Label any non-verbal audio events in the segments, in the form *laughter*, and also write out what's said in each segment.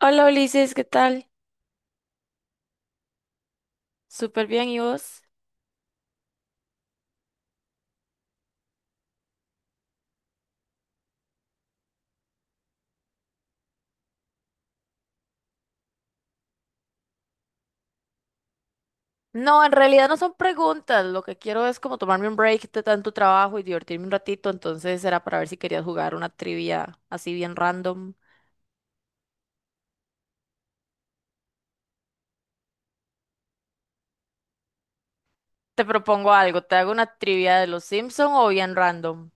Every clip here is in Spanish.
Hola Ulises, ¿qué tal? Súper bien, ¿y vos? No, en realidad no son preguntas. Lo que quiero es como tomarme un break de tanto trabajo y divertirme un ratito. Entonces era para ver si querías jugar una trivia así bien random. Te propongo algo. ¿Te hago una trivia de los Simpson o bien random?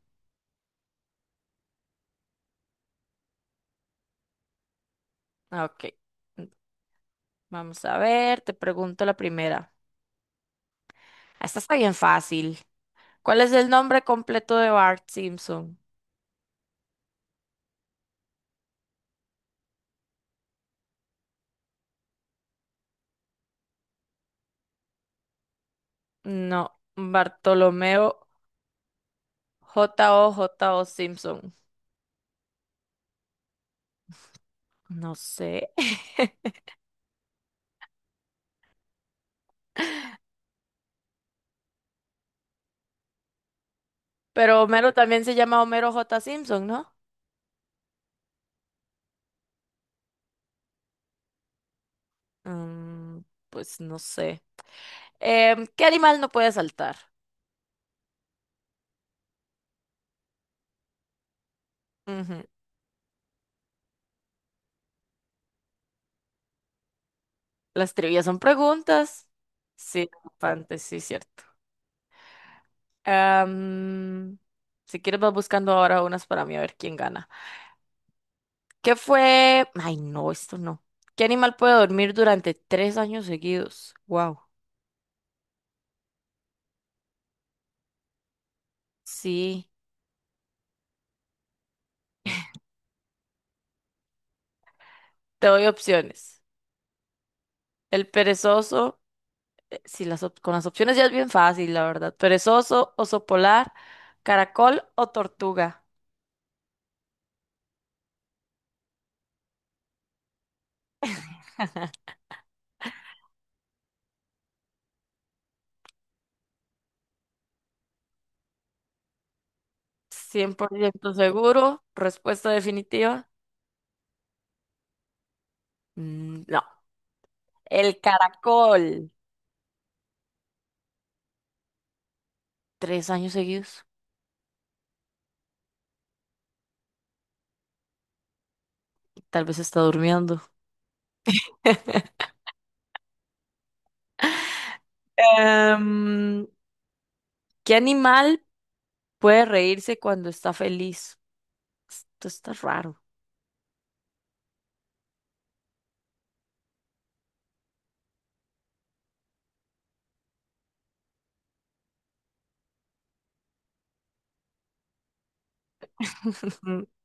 Ah, Ok. mm, Vamos a ver. Te pregunto la primera. Esta está bien fácil. ¿Cuál es el nombre completo de Bart Simpson? No, Bartolomeo J O J O Simpson. No sé. *laughs* Pero Homero también se llama Homero J. Simpson, ¿no? Mm, pues no sé. ¿Qué animal no puede saltar? Ujú. Las trivias son preguntas. Sí, bastante, sí, cierto. Am, si quieres vas buscando ahora unas para mí a ver quién gana. ¿Qué fue? Ay, no, esto no. ¿Qué animal puede dormir durante tres años seguidos? Wow. Sí, te doy opciones. El perezoso. Si las con las opciones ya es bien fácil, la verdad. Perezoso, oso polar, caracol o tortuga. Cien por ciento seguro. Respuesta definitiva. Mm, no, el caracol. Tres años seguidos. Tal vez está durmiendo. *laughs* Em, ¿Qué animal puede reírse cuando está feliz? Esto está raro. *laughs*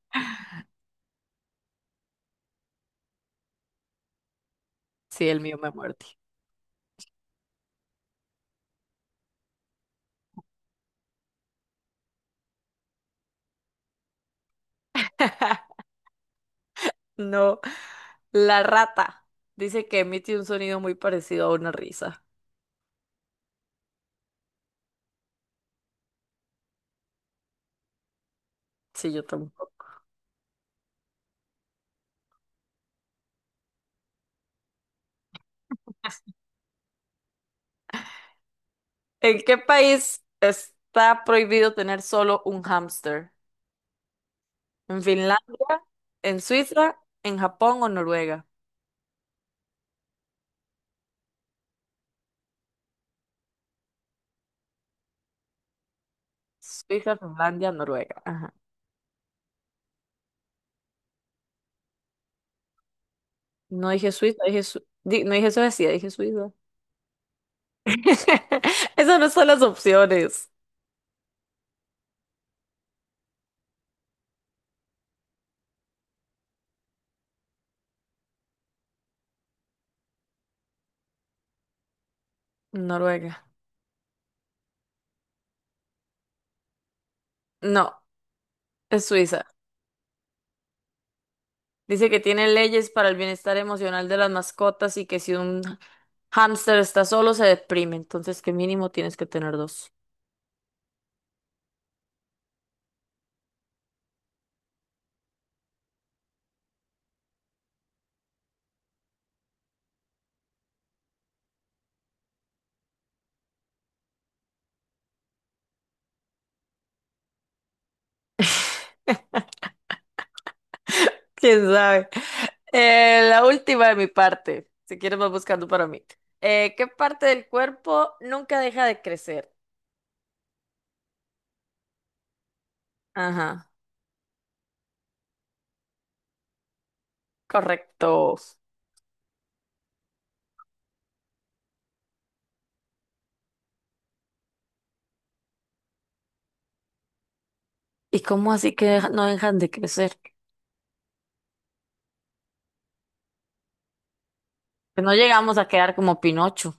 Sí, el mío me muerde. No, la rata. Dice que emite un sonido muy parecido a una risa. Sí, yo tampoco. ¿En qué país está prohibido tener solo un hámster? ¿En Finlandia, en Suiza, en Japón o Noruega? Suiza, Finlandia, Noruega. Ajá. No dije Suiza, dije no dije Suecia, dije Suiza. *laughs* Esas no son las opciones. Noruega. No, es Suiza. Dice que tiene leyes para el bienestar emocional de las mascotas y que si un hámster está solo se deprime, entonces que mínimo tienes que tener dos. ¿Quién sabe? La última de mi parte. Si quieres, vas buscando para mí. ¿Qué parte del cuerpo nunca deja de crecer? Ajá, correcto. ¿Y cómo así que no dejan de crecer? Que no llegamos a quedar como Pinocho.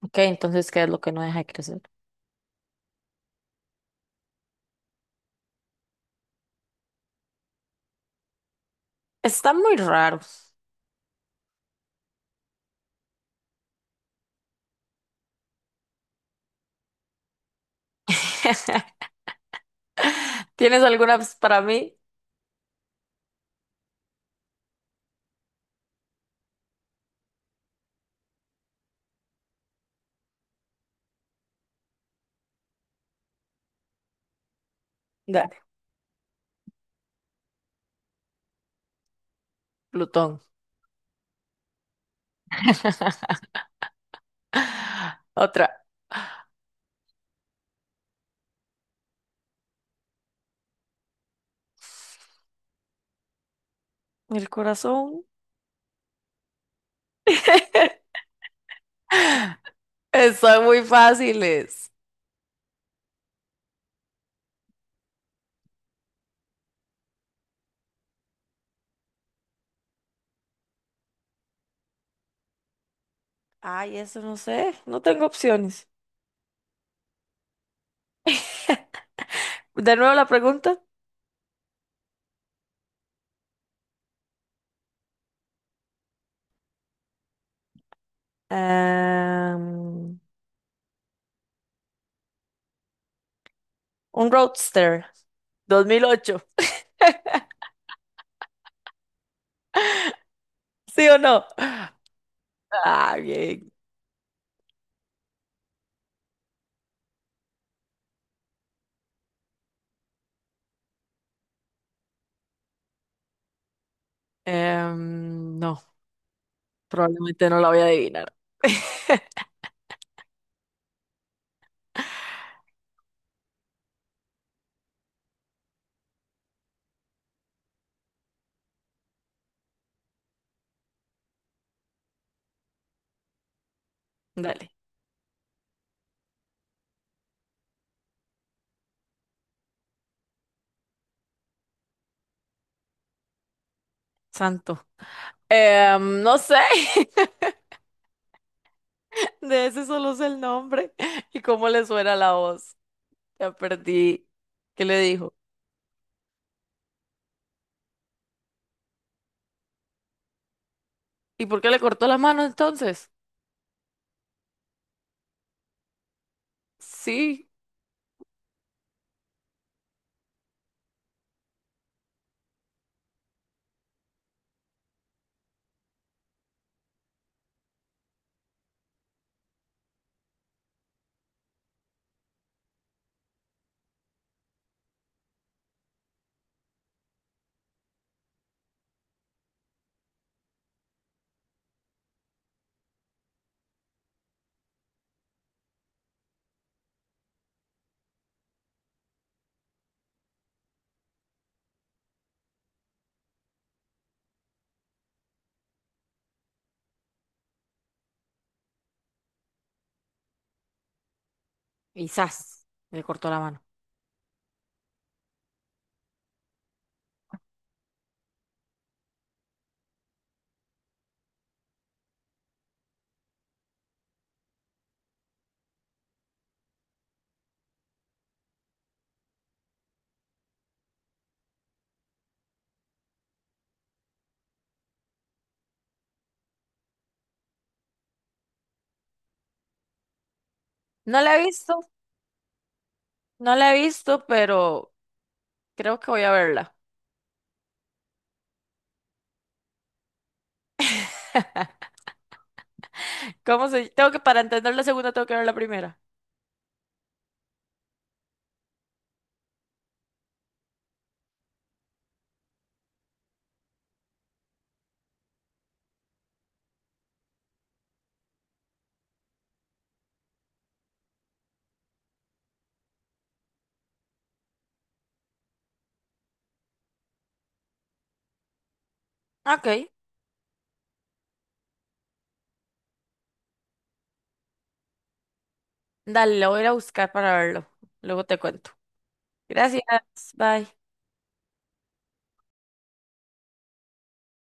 Ok, entonces, ¿qué es lo que no deja de crecer? Están muy raros. *laughs* ¿Tienes alguna pues, para mí? Dale, Plutón. Otra. El corazón. *laughs* Están muy fáciles. Ay, eso no sé. No tengo opciones. *laughs* De nuevo la pregunta. Em, un Roadster 2008. ¿Sí o no? Ah, bien. No, probablemente no la voy a adivinar. *laughs* Dale, santo. No sé. *laughs* *laughs* De ese solo sé el nombre y cómo le suena la voz. Ya perdí. ¿Qué le dijo? ¿Y por qué le cortó la mano entonces? Sí. Y zas, le cortó la mano. No la he visto, no la he visto, pero creo que voy a verla. *laughs* ¿Cómo se...? Tengo que, para entender la segunda, tengo que ver la primera. Ok. Dale, la voy a ir a buscar para verlo. Luego te cuento. Gracias. Bye.